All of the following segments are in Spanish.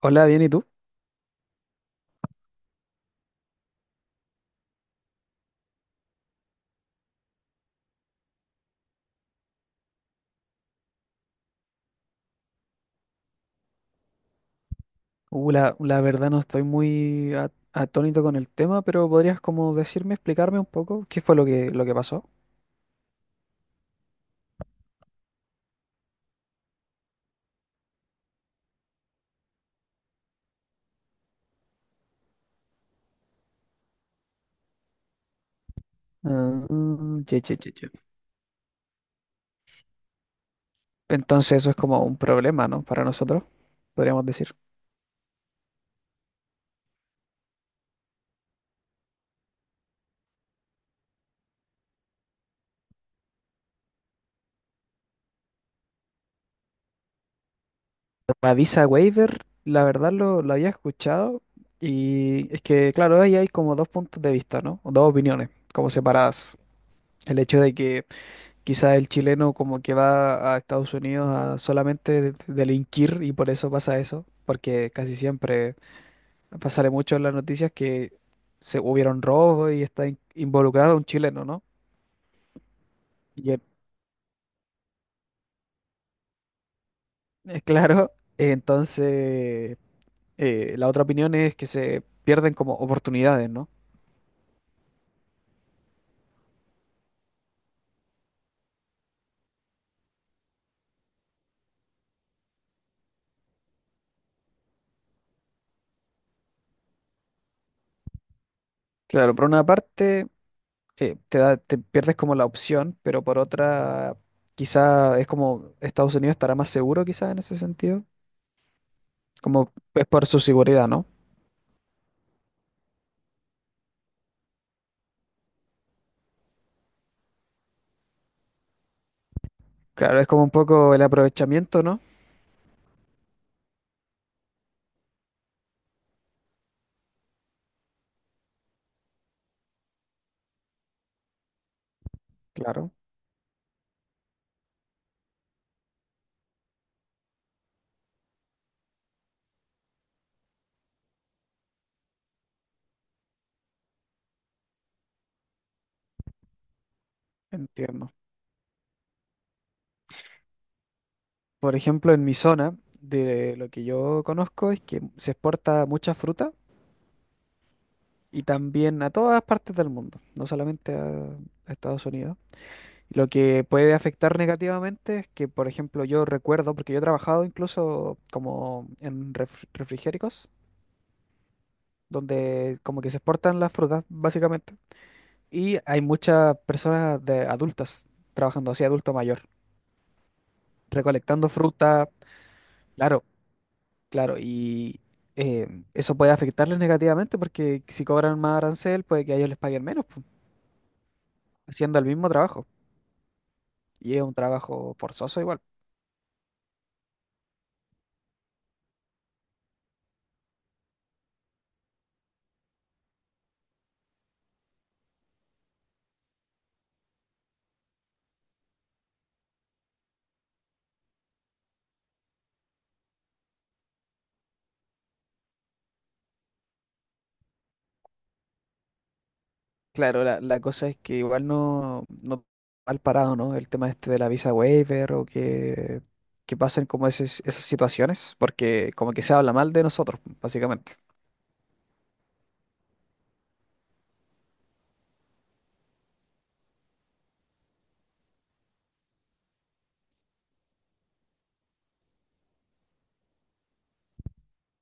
Hola, bien, ¿y tú? La verdad no estoy muy atónito con el tema, pero podrías como decirme, explicarme un poco qué fue lo que pasó. Ah, che, che, che, che. Entonces eso es como un problema, ¿no? Para nosotros, podríamos decir. La visa waiver, la verdad lo había escuchado y es que, claro, ahí hay como dos puntos de vista, ¿no? O dos opiniones, como separadas. El hecho de que quizás el chileno como que va a Estados Unidos a solamente delinquir y por eso pasa eso, porque casi siempre pasaré mucho en las noticias que se hubieron robos y está involucrado un chileno, ¿no? Y el- es claro, entonces la otra opinión es que se pierden como oportunidades, ¿no? Claro, por una parte, te da, te pierdes como la opción, pero por otra quizá es como Estados Unidos estará más seguro quizás en ese sentido, como es por su seguridad, ¿no? Claro, es como un poco el aprovechamiento, ¿no? Claro, entiendo. Por ejemplo, en mi zona, de lo que yo conozco es que se exporta mucha fruta y también a todas partes del mundo, no solamente a Estados Unidos. Lo que puede afectar negativamente es que, por ejemplo, yo recuerdo, porque yo he trabajado incluso como en refrigéricos, donde como que se exportan las frutas, básicamente, y hay muchas personas de adultas trabajando así, adulto mayor, recolectando fruta. Claro, claro, y eh, eso puede afectarles negativamente porque si cobran más arancel, puede que a ellos les paguen menos, pu, haciendo el mismo trabajo. Y es un trabajo forzoso igual. Claro, la cosa es que igual no mal parado, ¿no? El tema este de la visa waiver o que pasen como esas situaciones, porque como que se habla mal de nosotros, básicamente.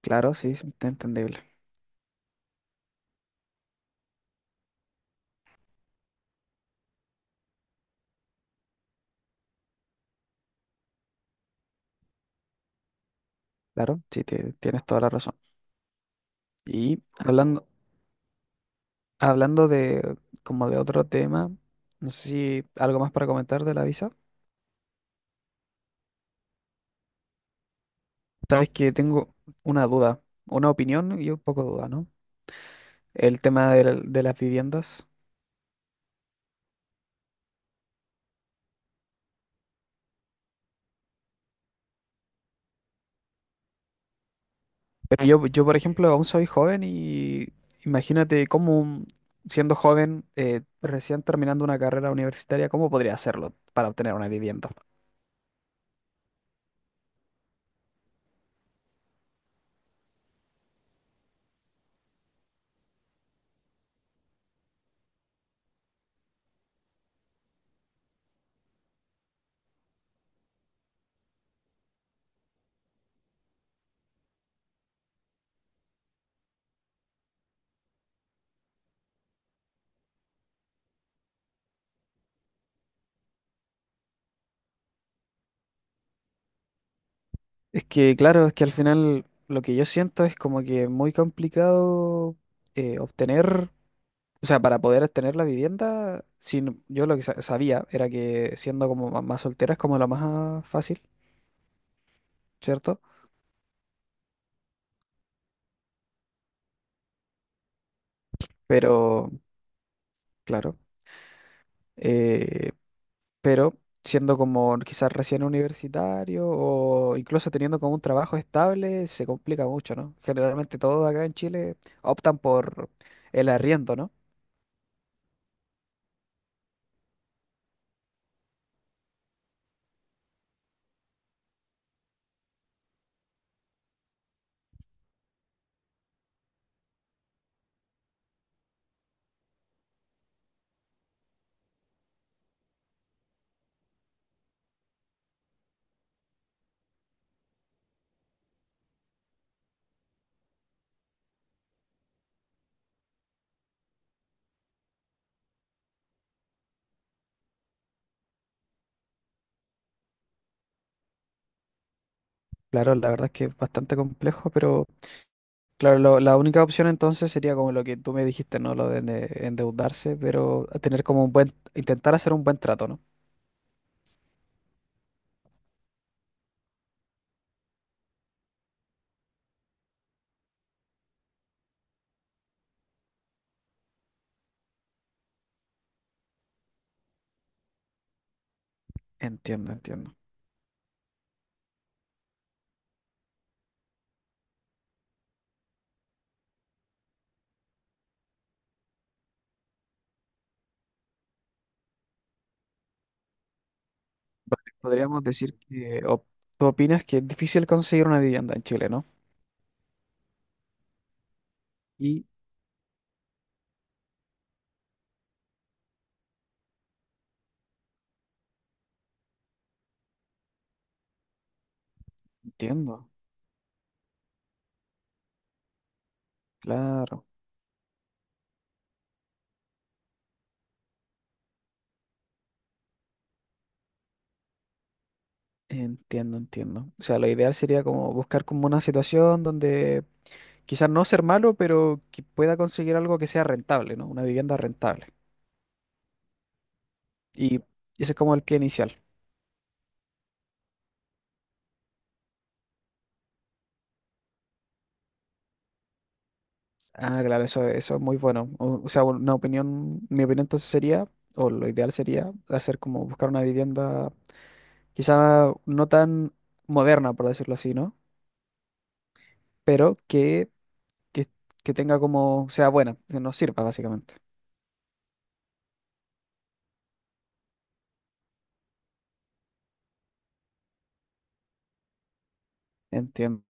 Claro, sí, sí, está entendible. Claro, sí, tienes toda la razón. Y hablando, Hablando de como de otro tema, no sé si algo más para comentar de la visa. Sabes que tengo una duda, una opinión y un poco de duda, ¿no? El tema de las viviendas. Pero yo, por ejemplo, aún soy joven y imagínate cómo, siendo joven, recién terminando una carrera universitaria, ¿cómo podría hacerlo para obtener una vivienda? Es que, claro, es que al final lo que yo siento es como que muy complicado obtener. O sea, para poder tener la vivienda, sin, yo lo que sabía era que siendo como más soltera es como lo más fácil, ¿cierto? Pero, claro, eh, pero siendo como quizás recién universitario o incluso teniendo como un trabajo estable, se complica mucho, ¿no? Generalmente todos acá en Chile optan por el arriendo, ¿no? Claro, la verdad es que es bastante complejo, pero claro, la única opción entonces sería como lo que tú me dijiste, ¿no? Lo de endeudarse, pero tener como un buen, intentar hacer un buen trato, ¿no? Entiendo, entiendo. Vale, podríamos decir que tú opinas que es difícil conseguir una vivienda en Chile, ¿no? Y entiendo, claro, entiendo, entiendo. O sea, lo ideal sería como buscar como una situación donde quizás no ser malo, pero que pueda conseguir algo que sea rentable, ¿no? Una vivienda rentable. Y ese es como el pie inicial. Ah, claro, eso es muy bueno. O sea, una opinión, mi opinión entonces sería, o lo ideal sería, hacer como buscar una vivienda quizá no tan moderna, por decirlo así, ¿no? Pero que, que tenga como, sea buena, que nos sirva básicamente. Entiendo.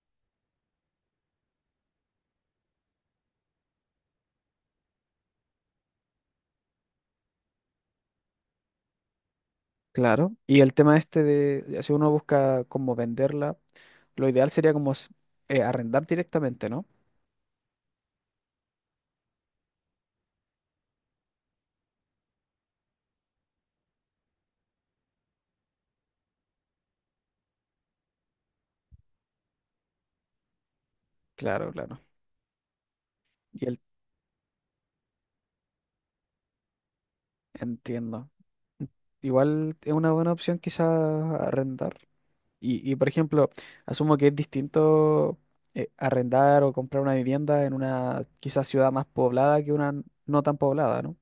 Claro. Y el tema este de, si uno busca como venderla, lo ideal sería como arrendar directamente, ¿no? Claro, claro. Y el, entiendo. Igual es una buena opción quizá arrendar. Por ejemplo, asumo que es distinto arrendar o comprar una vivienda en una quizás ciudad más poblada que una no tan poblada, ¿no?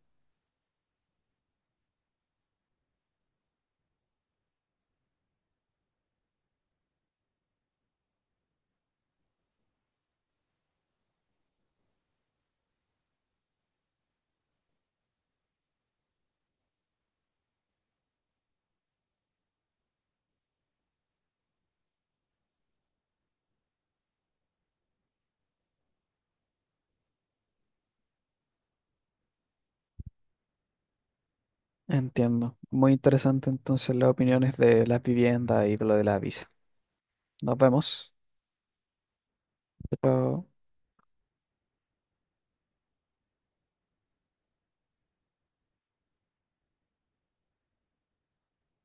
Entiendo. Muy interesante entonces las opiniones de las viviendas y de lo de la visa. Nos vemos. Chao.